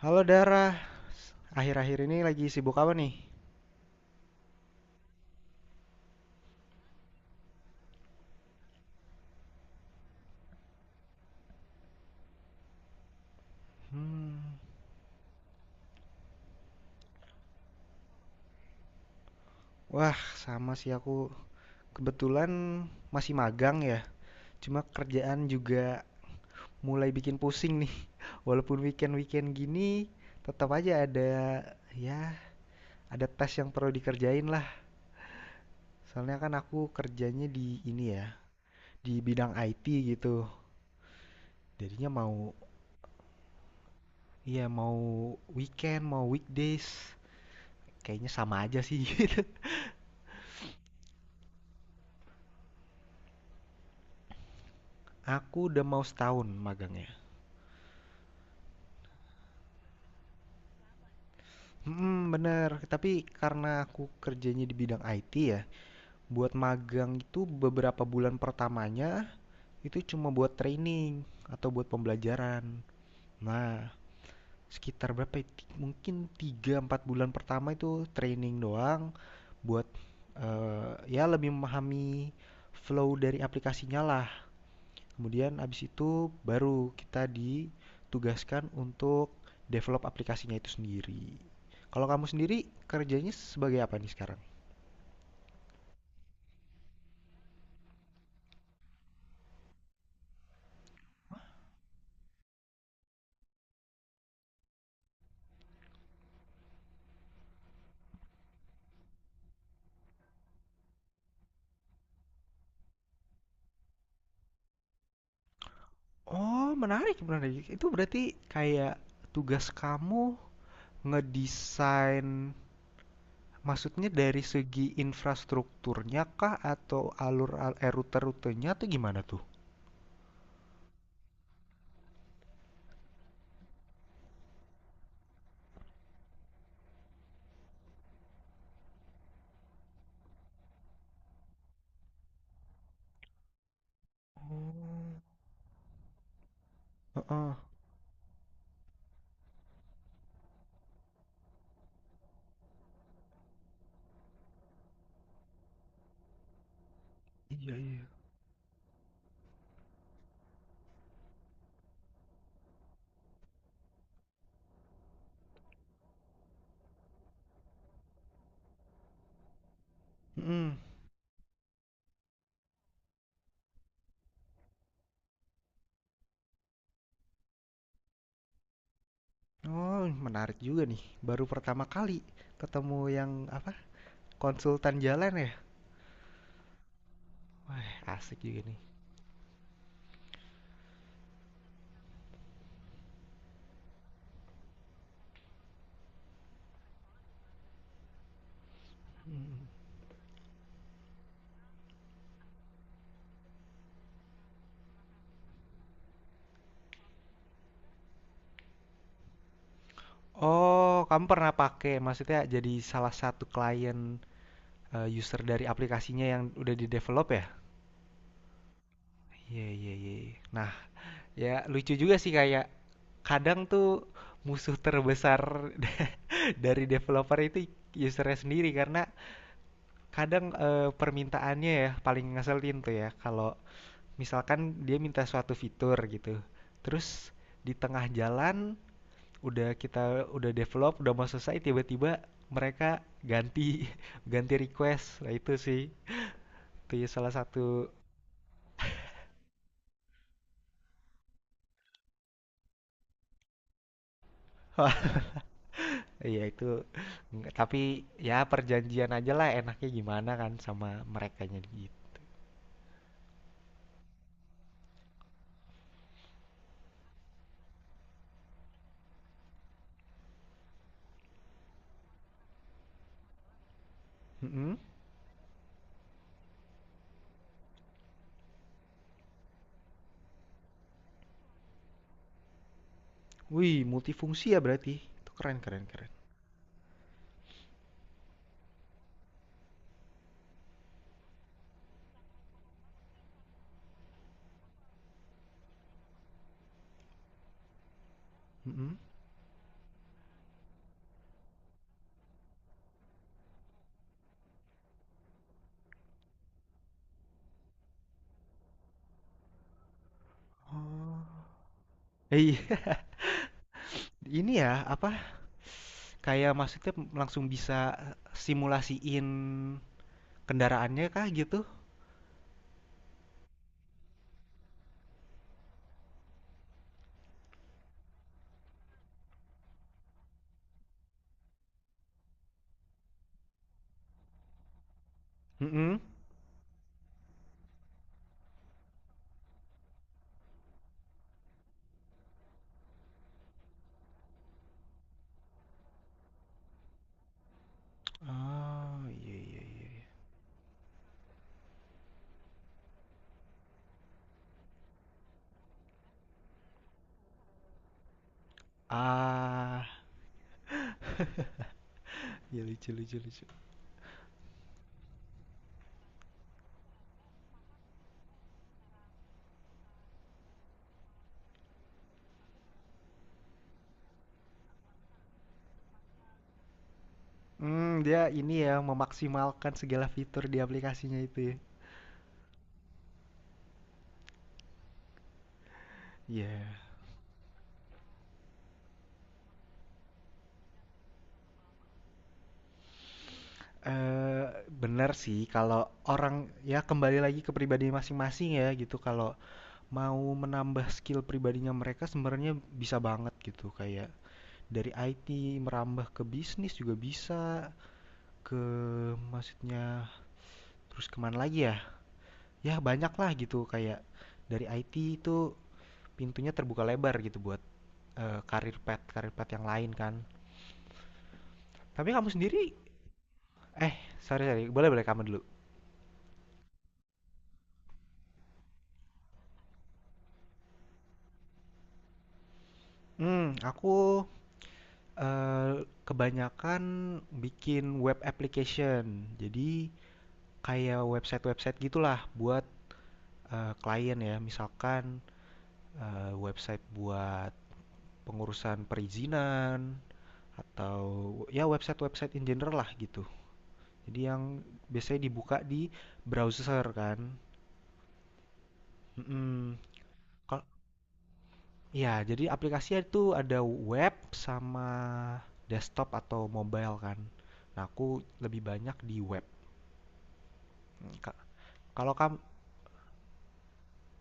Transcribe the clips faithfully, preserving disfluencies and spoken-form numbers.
Halo Dara, akhir-akhir ini lagi sibuk apa nih? Hmm, Wah, sama sih aku. Kebetulan masih magang ya. Cuma kerjaan juga mulai bikin pusing nih. Walaupun weekend-weekend gini, tetap aja ada, ya, ada tes yang perlu dikerjain lah. Soalnya kan aku kerjanya di ini ya, di bidang I T gitu. Jadinya mau iya mau weekend, mau weekdays, kayaknya sama aja sih. Gitu. Aku udah mau setahun magangnya. Mhm, bener. Tapi karena aku kerjanya di bidang I T ya, buat magang itu beberapa bulan pertamanya itu cuma buat training atau buat pembelajaran. Nah, sekitar berapa ya? Ti- Mungkin tiga empat bulan pertama itu training doang buat eh, ya lebih memahami flow dari aplikasinya lah. Kemudian habis itu baru kita ditugaskan untuk develop aplikasinya itu sendiri. Kalau kamu sendiri kerjanya sebagai apa nih sekarang? Oh, menarik, menarik. Itu berarti kayak tugas kamu ngedesain maksudnya dari segi infrastrukturnya kah atau alur, eh, rute-rutenya atau gimana tuh? Oh, heeh. Iya, iya. Mm-mm. Oh, menarik juga nih. Baru pertama kali ketemu yang apa, konsultan jalan ya? Wah, asik juga nih. Oh, kamu pernah pakai maksudnya jadi salah satu klien, eh, user dari aplikasinya yang udah di develop ya? Iya, iya, iya, iya. Nah, ya lucu juga sih kayak kadang tuh musuh terbesar dari developer itu usernya sendiri karena kadang eh, permintaannya ya paling ngeselin tuh ya kalau misalkan dia minta suatu fitur gitu terus di tengah jalan udah kita udah develop udah mau selesai tiba-tiba mereka ganti ganti request, nah itu sih itu ya salah satu wah iya itu. Nggak- tapi ya perjanjian aja lah enaknya gimana kan sama merekanya gitu. Mm-mm. Wih, multifungsi ya berarti itu, keren keren keren. Mm-mm. Oh. Eh, iya. Ini ya apa kayak maksudnya langsung bisa simulasiin kendaraannya kah gitu? Mm-mm. Oh, iya iya iya. Ah, ya lucu lucu lucu. Hmm, dia ini ya memaksimalkan segala fitur di aplikasinya itu ya. Iya. Eh, benar sih kalau orang ya kembali lagi ke pribadi masing-masing ya gitu. Kalau mau menambah skill pribadinya mereka sebenarnya bisa banget gitu kayak dari I T merambah ke bisnis juga bisa ke, maksudnya, terus kemana lagi ya? Ya banyak lah gitu kayak dari I T itu pintunya terbuka lebar gitu buat eee, karir pet karir pet yang lain kan. Tapi kamu sendiri, eh, sorry sorry, boleh boleh kamu dulu. Hmm aku, eee, kebanyakan bikin web application. Jadi kayak website-website gitulah buat, eee, klien ya. Misalkan, eee, website buat pengurusan perizinan atau ya website-website in general lah gitu. Jadi yang biasanya dibuka di browser kan, mhm. Kalau, ya, jadi aplikasinya itu ada web sama desktop atau mobile kan. Nah, aku lebih banyak di web. Ka- Kalau kamu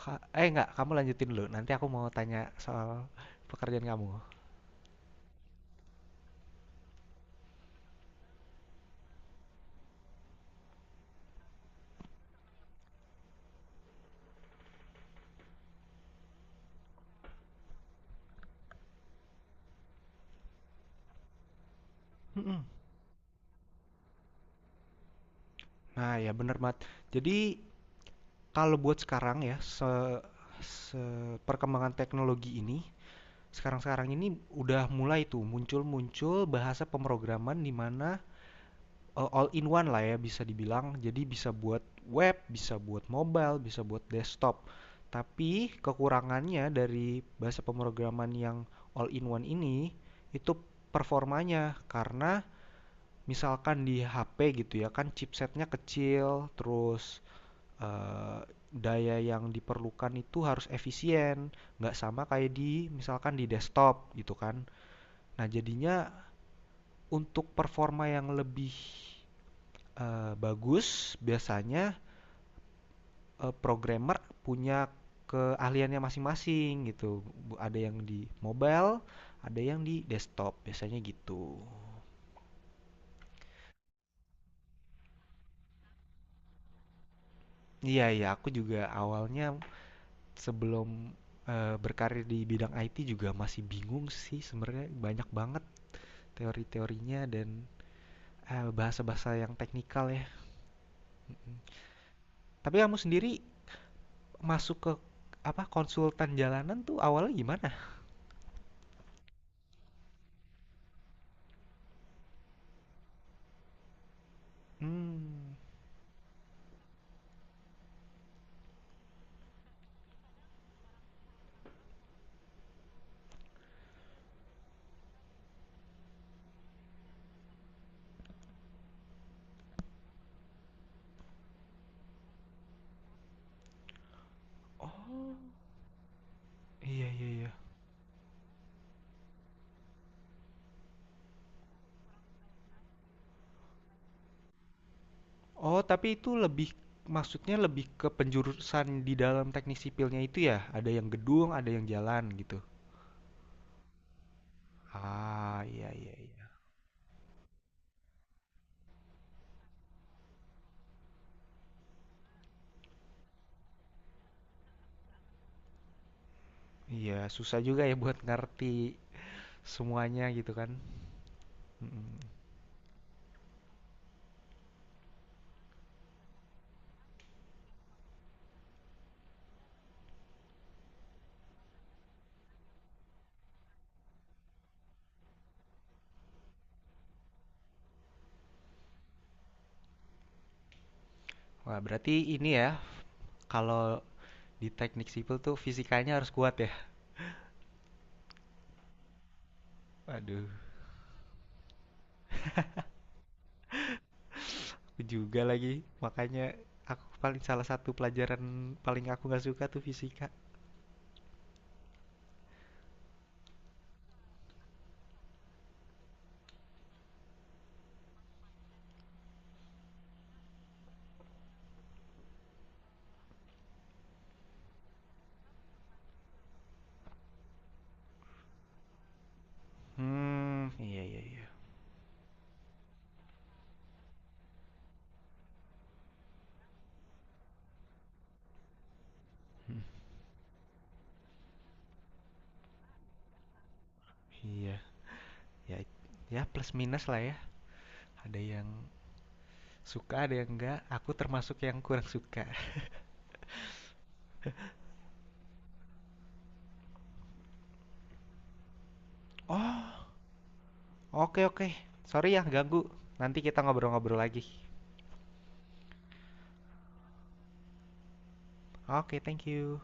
ka- eh enggak, kamu lanjutin dulu. Nanti aku mau tanya soal pekerjaan kamu. Mm-mm. Nah, ya bener banget. Jadi kalau buat sekarang ya, se, se- perkembangan teknologi ini, sekarang-sekarang ini udah mulai tuh muncul-muncul bahasa pemrograman di mana eh, all in one lah ya bisa dibilang. Jadi bisa buat web, bisa buat mobile, bisa buat desktop. Tapi kekurangannya dari bahasa pemrograman yang all in one ini itu performanya karena misalkan di H P gitu ya kan chipsetnya kecil, terus eh, daya yang diperlukan itu harus efisien, nggak sama kayak di misalkan di desktop gitu kan. Nah jadinya untuk performa yang lebih Eee, bagus, biasanya, eee, programmer punya keahliannya masing-masing gitu. Ada yang di mobile, ada yang di desktop, biasanya gitu. Iya iya, aku juga awalnya sebelum, eee, berkarir di bidang I T juga masih bingung sih sebenarnya, banyak banget teori-teorinya dan, eee, bahasa-bahasa yang teknikal ya. Tapi kamu sendiri masuk ke, apa, konsultan jalanan tuh awalnya gimana? hmm oh, iya iya iya. Oh, tapi itu lebih maksudnya lebih ke penjurusan di dalam teknik sipilnya itu ya? Ada yang gedung, ada yang jalan gitu. Ah, iya iya iya. Iya, susah juga ya buat ngerti semuanya gitu kan. Mm-mm. Wah, berarti ini ya kalau di teknik sipil tuh fisikanya harus kuat ya. Waduh, aku juga lagi. Makanya aku paling salah satu pelajaran paling aku nggak suka tuh fisika. Hmm, iya iya iya. Iya, ya ya plus minus lah ya. Ada yang suka ada yang enggak, aku termasuk yang kurang suka. Oh, oke oke. Sorry ya ganggu. Nanti kita ngobrol-ngobrol lagi. Oke, thank you.